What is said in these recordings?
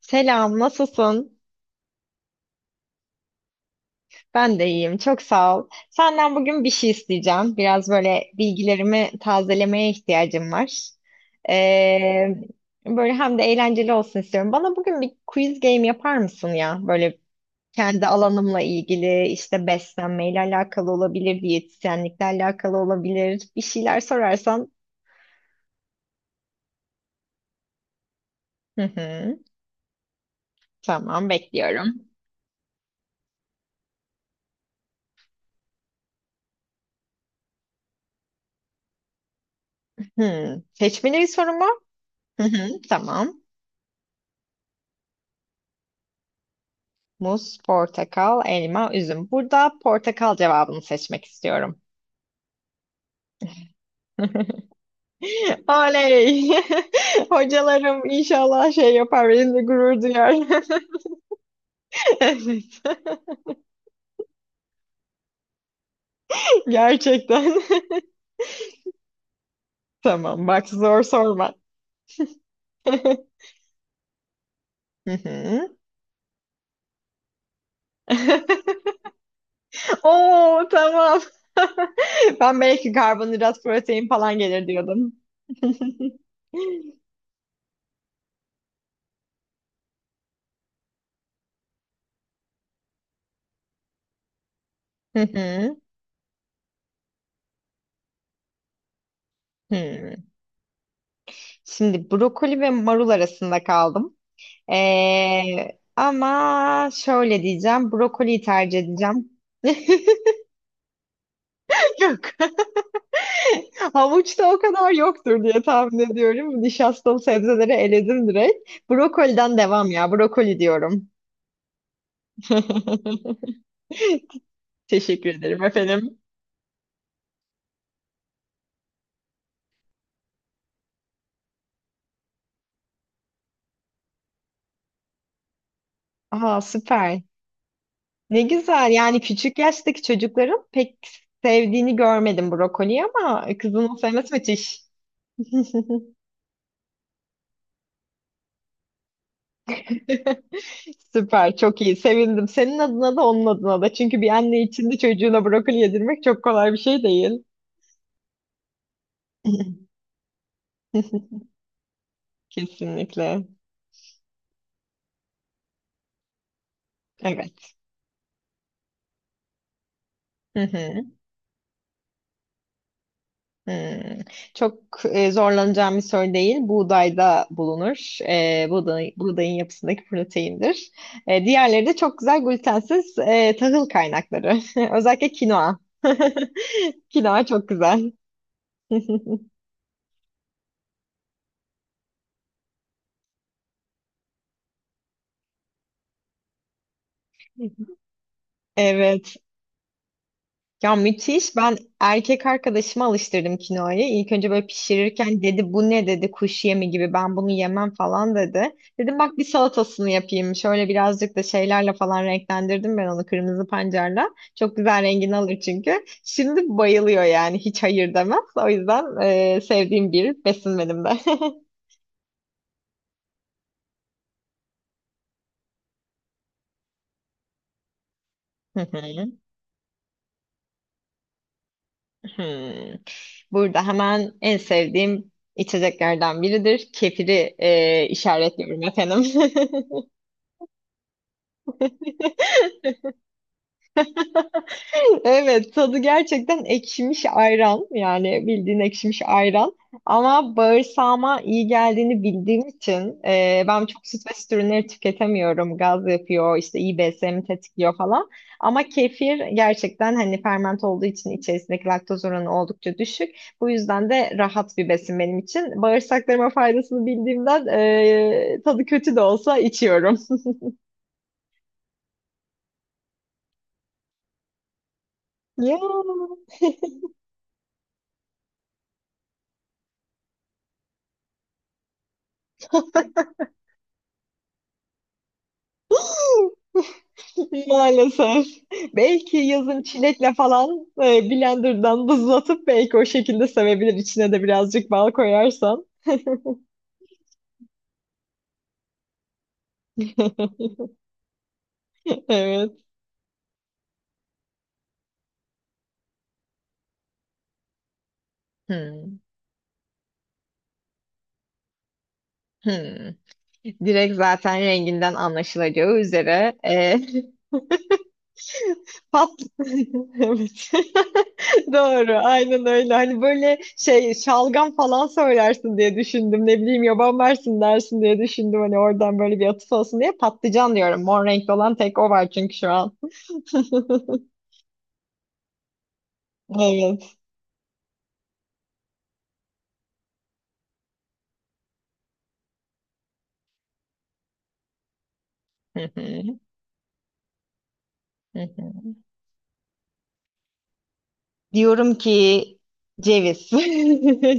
Selam, nasılsın? Ben de iyiyim, çok sağ ol. Senden bugün bir şey isteyeceğim. Biraz böyle bilgilerimi tazelemeye ihtiyacım var. Ee, Böyle hem de eğlenceli olsun istiyorum. Bana bugün bir quiz game yapar mısın ya? Böyle kendi alanımla ilgili, işte beslenmeyle alakalı olabilir, diyetisyenlikle alakalı olabilir. Bir şeyler sorarsan. Hı hı, tamam, bekliyorum. Hı, seçmeli bir soru mu? Hı hı, tamam. Muz, portakal, elma, üzüm. Burada portakal cevabını seçmek istiyorum. Oley! Hocalarım inşallah şey yapar, benimle gurur duyar. Evet. Gerçekten. Tamam, bak zor sorma. Hı hı. Oo tamam. Ben belki karbonhidrat, protein falan gelir diyordum. Hı hı. Hı. Şimdi brokoli ve marul arasında kaldım. Ama şöyle diyeceğim. Brokoliyi tercih edeceğim. Yok. Havuçta o kadar yoktur diye tahmin ediyorum. Nişastalı sebzeleri eledim direkt. Brokoliden devam ya. Brokoli diyorum. Teşekkür ederim efendim. Aa süper. Ne güzel. Yani küçük yaştaki çocukların pek sevdiğini görmedim brokoliyi ama kızının sevmesi müthiş. Süper, çok iyi. Sevindim. Senin adına da onun adına da. Çünkü bir anne için de çocuğuna brokoli yedirmek çok kolay bir şey değil. Kesinlikle. Evet. Hı hı. Hmm. Çok zorlanacağım bir soru değil. Buğdayda bulunur. Buğday, buğdayın yapısındaki proteindir. Diğerleri de çok güzel glutensiz tahıl kaynakları. Özellikle kinoa. Kinoa çok güzel. Evet. Ya müthiş. Ben erkek arkadaşıma alıştırdım kinoayı. İlk önce böyle pişirirken dedi bu ne dedi kuş yemi gibi ben bunu yemem falan dedi. Dedim bak bir salatasını yapayım. Şöyle birazcık da şeylerle falan renklendirdim ben onu kırmızı pancarla. Çok güzel rengini alır çünkü. Şimdi bayılıyor yani hiç hayır demez. O yüzden sevdiğim bir besin benim de. Hı hı. Hmm. Burada hemen en sevdiğim içeceklerden biridir. Kefiri işaretliyorum efendim. Evet, tadı gerçekten ekşimiş ayran. Yani bildiğin ekşimiş ayran. Ama bağırsağıma iyi geldiğini bildiğim için ben çok süt ve süt ürünleri tüketemiyorum. Gaz yapıyor, işte iyi BSM'i tetikliyor falan. Ama kefir gerçekten hani ferment olduğu için içerisindeki laktoz oranı oldukça düşük. Bu yüzden de rahat bir besin benim için. Bağırsaklarıma faydasını bildiğimden tadı kötü de olsa içiyorum. Ya. Maalesef. Belki yazın çilekle falan blenderdan buzlatıp belki o şekilde sevebilir. İçine de birazcık bal koyarsan. Evet. Hmm, hmm. Direkt zaten renginden anlaşılacağı üzere Pat. Evet. Doğru. Aynen öyle. Hani böyle şey şalgam falan söylersin diye düşündüm. Ne bileyim yaban versin dersin diye düşündüm. Hani oradan böyle bir atıf olsun diye patlıcan diyorum. Mor renkli olan tek o var çünkü şu an. Evet. Hı hı, hı hı. Diyorum ki ceviz.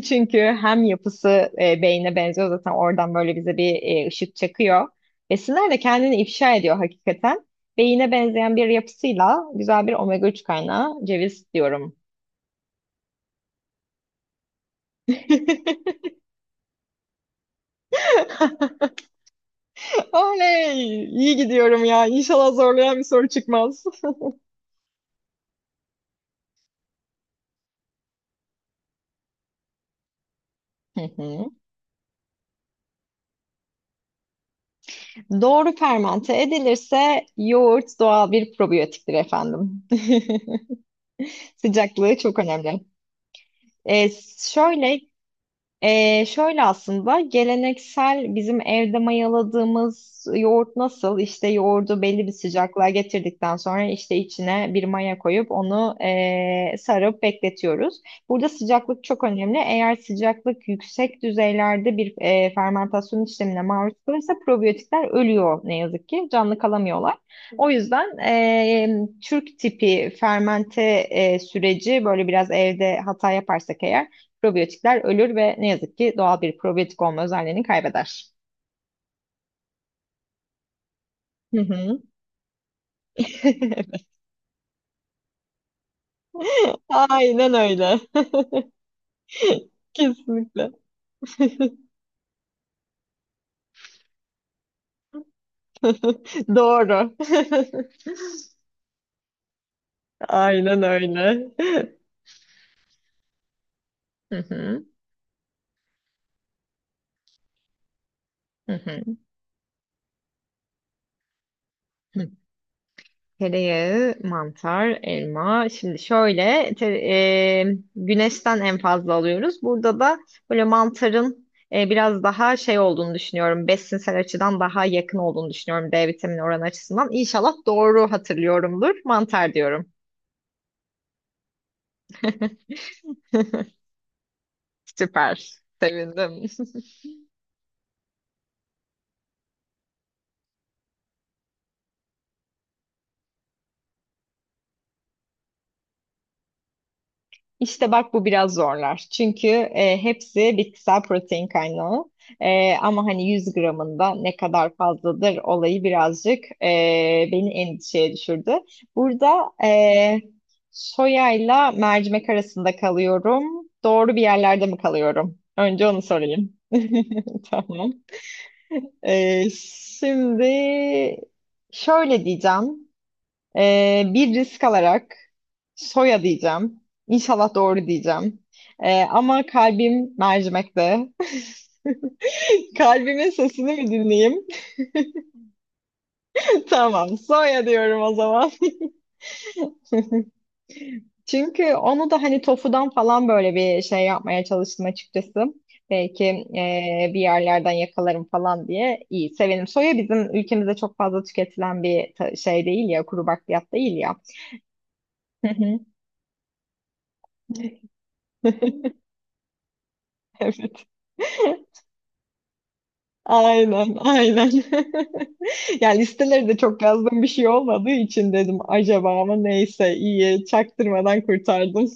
Çünkü hem yapısı beyne benziyor zaten oradan böyle bize bir ışık çakıyor. Besinler de kendini ifşa ediyor hakikaten. Beyine benzeyen bir yapısıyla güzel bir omega 3 kaynağı ceviz diyorum. Oley! İyi gidiyorum ya. İnşallah zorlayan bir soru çıkmaz. Hı hı. Doğru fermente edilirse yoğurt doğal bir probiyotiktir efendim. Sıcaklığı çok önemli. E, şöyle Şöyle aslında geleneksel bizim evde mayaladığımız yoğurt nasıl? İşte yoğurdu belli bir sıcaklığa getirdikten sonra işte içine bir maya koyup onu sarıp bekletiyoruz. Burada sıcaklık çok önemli. Eğer sıcaklık yüksek düzeylerde bir fermentasyon işlemine maruz kalırsa probiyotikler ölüyor ne yazık ki. Canlı kalamıyorlar. O yüzden Türk tipi fermente süreci böyle biraz evde hata yaparsak eğer probiyotikler ölür ve ne yazık ki doğal bir probiyotik olma özelliğini kaybeder. Hı hı. Aynen öyle. Kesinlikle. Doğru. Aynen öyle. Hı hı. Hı hı. Tereyağı, mantar, elma. Şimdi şöyle güneşten en fazla alıyoruz. Burada da böyle mantarın biraz daha şey olduğunu düşünüyorum. Besinsel açıdan daha yakın olduğunu düşünüyorum D vitamini oranı açısından. İnşallah doğru hatırlıyorumdur. Mantar diyorum. Süper. Sevindim. İşte bak bu biraz zorlar. Çünkü hepsi bitkisel protein kaynağı. Ama hani 100 gramında ne kadar fazladır olayı birazcık beni endişeye düşürdü. Burada soyayla mercimek arasında kalıyorum. Doğru bir yerlerde mi kalıyorum? Önce onu sorayım. Tamam. Şimdi şöyle diyeceğim. Bir risk alarak soya diyeceğim. İnşallah doğru diyeceğim. Ama kalbim mercimekte. Kalbimin sesini mi dinleyeyim? Tamam, soya diyorum o zaman. Çünkü onu da hani tofudan falan böyle bir şey yapmaya çalıştım açıkçası. Belki bir yerlerden yakalarım falan diye iyi sevelim. Soya bizim ülkemizde çok fazla tüketilen bir şey değil ya, kuru bakliyat değil ya. Evet. Aynen, aynen. Yani listeleri de çok yazdığım bir şey olmadığı için dedim acaba ama neyse iyi çaktırmadan kurtardım.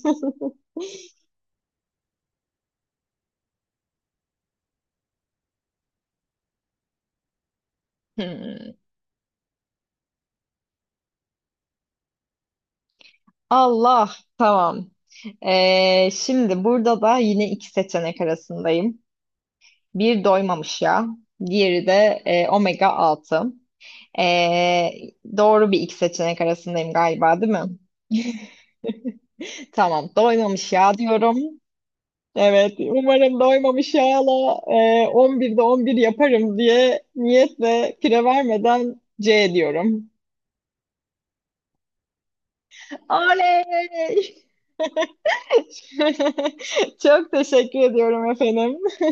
Hmm. Allah tamam. Şimdi burada da yine iki seçenek arasındayım. Bir doymamış yağ, diğeri de omega 6. Ee, doğru bir iki seçenek arasındayım galiba, değil mi? Tamam, doymamış yağ diyorum. Evet, umarım doymamış yağla 11'de 11 yaparım diye niyetle kire vermeden C diyorum. Oley! Çok teşekkür ediyorum efendim.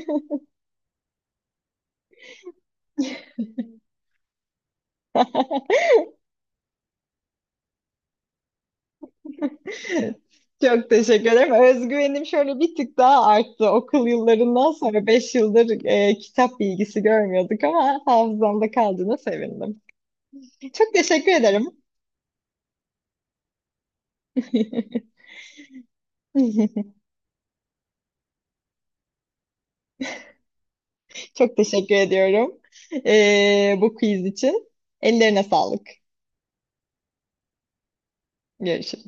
Çok teşekkür ederim. Özgüvenim şöyle bir tık daha arttı. Okul yıllarından sonra 5 yıldır kitap bilgisi görmüyorduk ama hafızamda kaldığına sevindim. Çok teşekkür ederim. Çok teşekkür ediyorum bu quiz için. Ellerine sağlık. Görüşürüz.